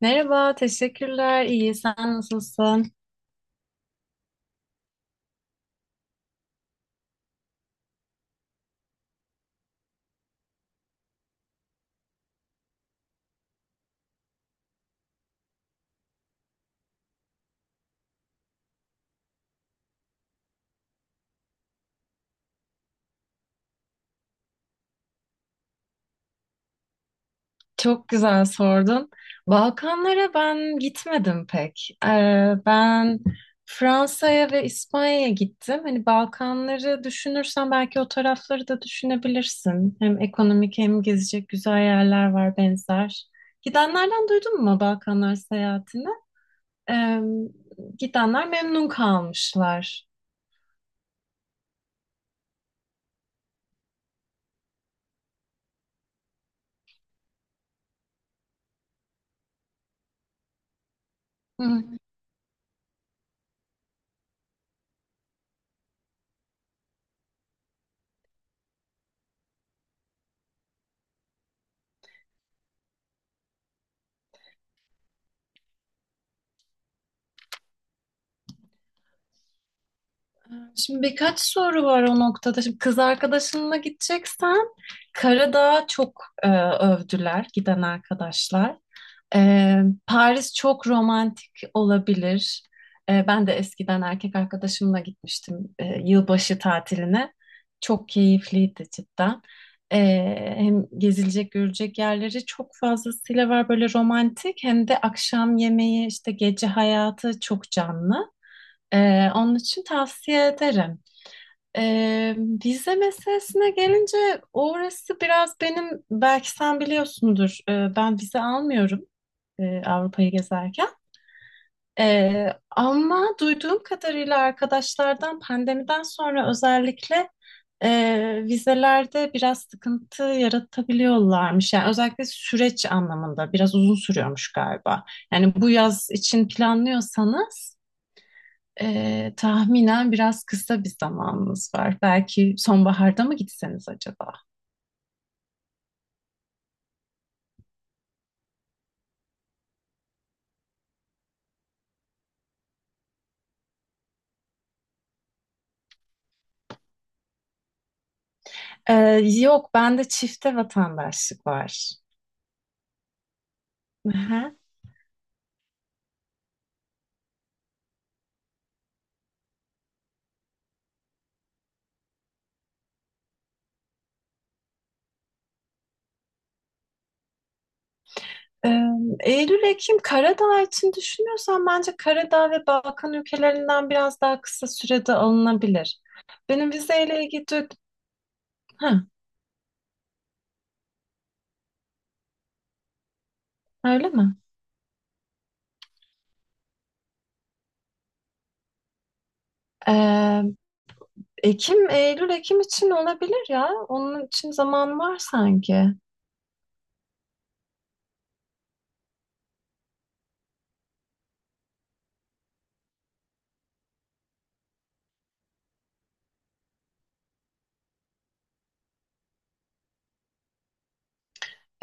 Merhaba, teşekkürler. İyi, sen nasılsın? Çok güzel sordun. Balkanlara ben gitmedim pek. Ben Fransa'ya ve İspanya'ya gittim. Hani Balkanları düşünürsen belki o tarafları da düşünebilirsin. Hem ekonomik hem gezecek güzel yerler var benzer. Gidenlerden duydun mu Balkanlar seyahatini? Ee, gidenler memnun kalmışlar. Hı. Şimdi birkaç soru var o noktada. Şimdi kız arkadaşınla gideceksen Karadağ'ı çok övdüler giden arkadaşlar. Paris çok romantik olabilir. Ben de eskiden erkek arkadaşımla gitmiştim yılbaşı tatiline. Çok keyifliydi cidden. E, hem gezilecek görecek yerleri çok fazlasıyla var böyle romantik hem de akşam yemeği işte gece hayatı çok canlı. Onun için tavsiye ederim. Ee, vize meselesine gelince orası biraz benim belki sen biliyorsundur ben vize almıyorum Avrupa'yı gezerken. Ama duyduğum kadarıyla arkadaşlardan pandemiden sonra özellikle vizelerde biraz sıkıntı yaratabiliyorlarmış. Yani özellikle süreç anlamında biraz uzun sürüyormuş galiba. Yani bu yaz için planlıyorsanız tahminen biraz kısa bir zamanımız var. Belki sonbaharda mı gitseniz acaba? Ee, yok, bende çifte vatandaşlık var. Aha. Ee, Eylül, Ekim, Karadağ için düşünüyorsan bence Karadağ ve Balkan ülkelerinden biraz daha kısa sürede alınabilir. Benim vizeyle ilgili... Ha, öyle mi? Ee, Ekim, Eylül, Ekim için olabilir ya. Onun için zaman var sanki.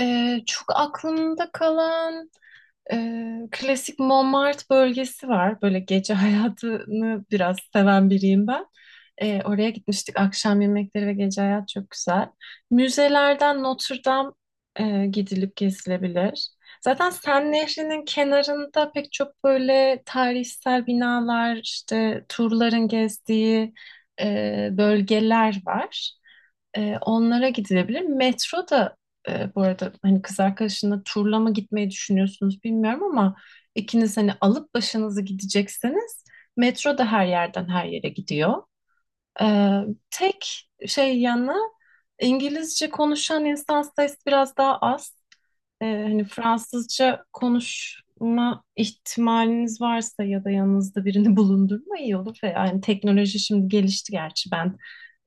Çok aklımda kalan e, klasik Montmartre bölgesi var. Böyle gece hayatını biraz seven biriyim ben. Oraya gitmiştik. Akşam yemekleri ve gece hayat çok güzel. Müzelerden Notre Dame gidilip gezilebilir. Zaten Sen Nehri'nin kenarında pek çok böyle tarihsel binalar, işte turların gezdiği bölgeler var. Onlara gidilebilir. Metro da bu arada hani kız arkadaşınla turla mı gitmeyi düşünüyorsunuz bilmiyorum ama ikiniz hani alıp başınızı gidecekseniz metro da her yerden her yere gidiyor. Ee, tek şey yanı İngilizce konuşan insan sayısı biraz daha az. Hani Fransızca konuşma ihtimaliniz varsa ya da yanınızda birini bulundurma iyi olur. Ve yani teknoloji şimdi gelişti gerçi ben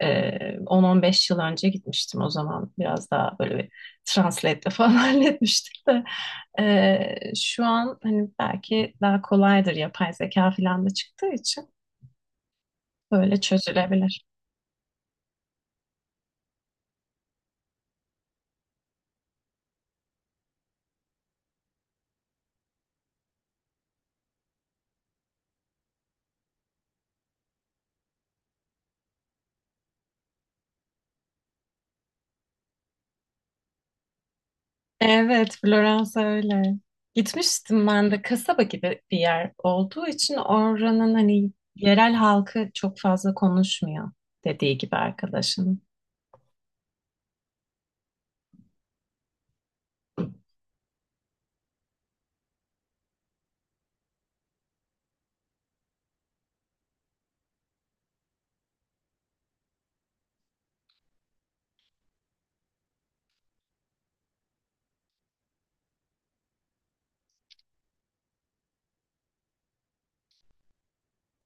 10-15 yıl önce gitmiştim o zaman. Biraz daha böyle bir translate'le falan halletmiştik de. Şu an hani belki daha kolaydır yapay zeka falan da çıktığı için böyle çözülebilir. Evet, Floransa öyle. Gitmiştim ben de kasaba gibi bir yer olduğu için oranın hani yerel halkı çok fazla konuşmuyor dediği gibi arkadaşın.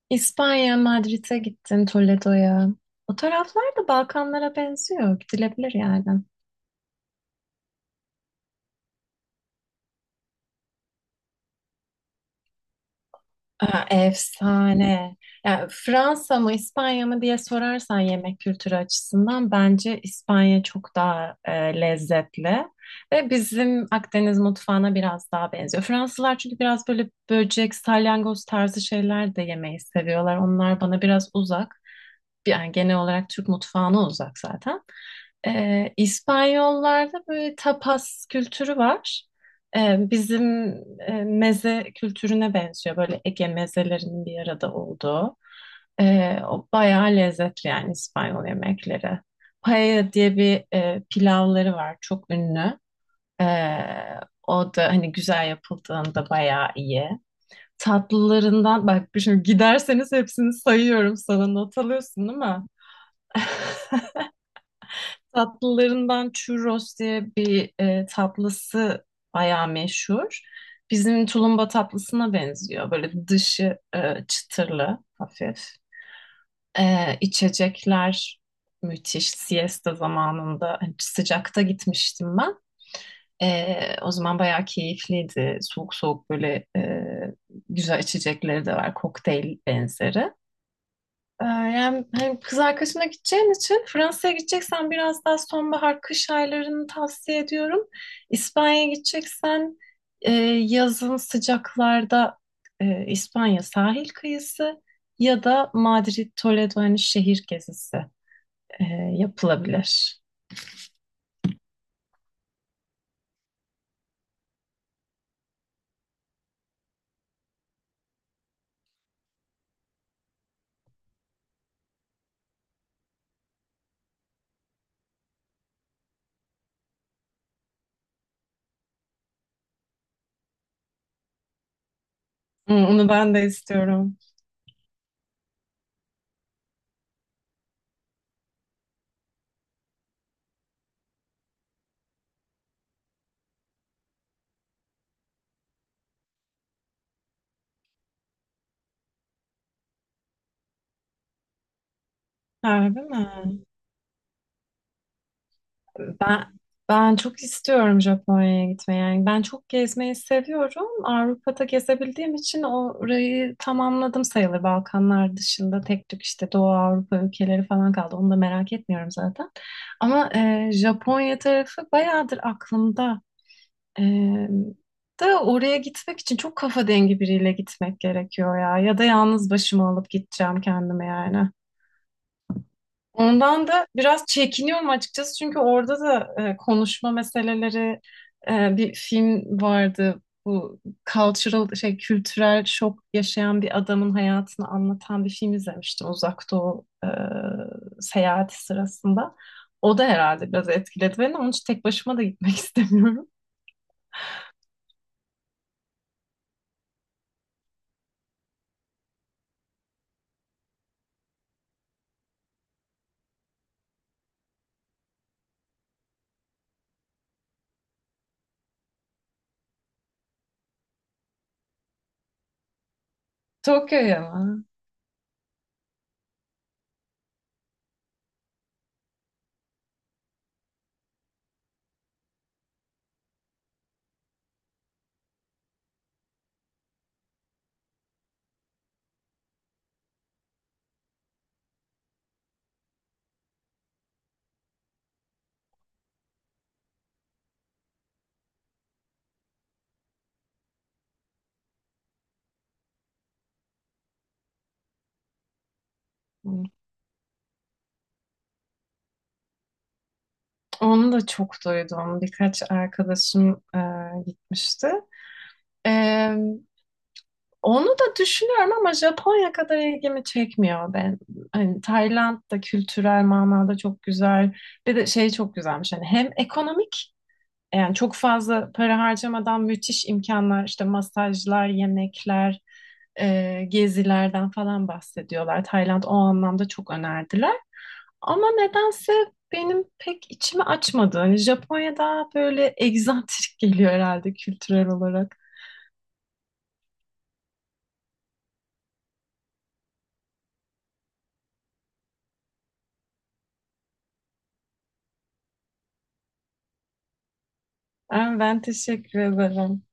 İspanya, Madrid'e gittim, Toledo'ya. O taraflar da Balkanlara benziyor. Gidilebilir yani. Aa, efsane. Yani Fransa mı İspanya mı diye sorarsan yemek kültürü açısından bence İspanya çok daha lezzetli ve bizim Akdeniz mutfağına biraz daha benziyor. Fransızlar çünkü biraz böyle böcek, salyangoz tarzı şeyler de yemeyi seviyorlar. Onlar bana biraz uzak. Yani genel olarak Türk mutfağına uzak zaten. İspanyollarda böyle tapas kültürü var. Bizim meze kültürüne benziyor. Böyle Ege mezelerinin bir arada olduğu. O bayağı lezzetli yani İspanyol yemekleri. Paella diye bir pilavları var. Çok ünlü. Ee, o da hani güzel yapıldığında bayağı iyi. Tatlılarından bak şimdi giderseniz hepsini sayıyorum sana not alıyorsun değil mi? Tatlılarından churros diye bir tatlısı bayağı meşhur. Bizim tulumba tatlısına benziyor. Böyle dışı çıtırlı, hafif. İçecekler müthiş. Siesta zamanında hani sıcakta gitmiştim ben. O zaman bayağı keyifliydi. Soğuk soğuk böyle güzel içecekleri de var. Kokteyl benzeri. Yani hani kız arkadaşımla gideceğin için Fransa'ya gideceksen biraz daha sonbahar kış aylarını tavsiye ediyorum. İspanya'ya gideceksen e, yazın sıcaklarda İspanya sahil kıyısı ya da Madrid, Toledo hani şehir gezisi e, yapılabilir. Hı, onu ben de istiyorum. Harbi mi? Ben çok istiyorum Japonya'ya gitmeyi. Yani ben çok gezmeyi seviyorum. Avrupa'da gezebildiğim için orayı tamamladım sayılır. Balkanlar dışında tek tük işte Doğu Avrupa ülkeleri falan kaldı. Onu da merak etmiyorum zaten. Ama Japonya tarafı bayağıdır aklımda. E, da oraya gitmek için çok kafa dengi biriyle gitmek gerekiyor ya. Ya da yalnız başıma alıp gideceğim kendime yani. Ondan da biraz çekiniyorum açıkçası çünkü orada da konuşma meseleleri bir film vardı. Bu cultural şey kültürel şok yaşayan bir adamın hayatını anlatan bir film izlemiştim Uzak Doğu seyahati sırasında. O da herhalde biraz etkiledi beni. Onun için tek başıma da gitmek istemiyorum. Tokyo'ya mı? Hı. Onu da çok duydum. Birkaç arkadaşım gitmişti. E, onu da düşünüyorum ama Japonya kadar ilgimi çekmiyor ben. Hani Tayland da kültürel manada çok güzel. Bir de şey çok güzelmiş. Hani hem ekonomik yani çok fazla para harcamadan müthiş imkanlar işte masajlar, yemekler, gezilerden falan bahsediyorlar. Tayland o anlamda çok önerdiler. Ama nedense benim pek içimi açmadı. Hani Japonya daha böyle egzantrik geliyor herhalde kültürel olarak. Ben, teşekkür ederim.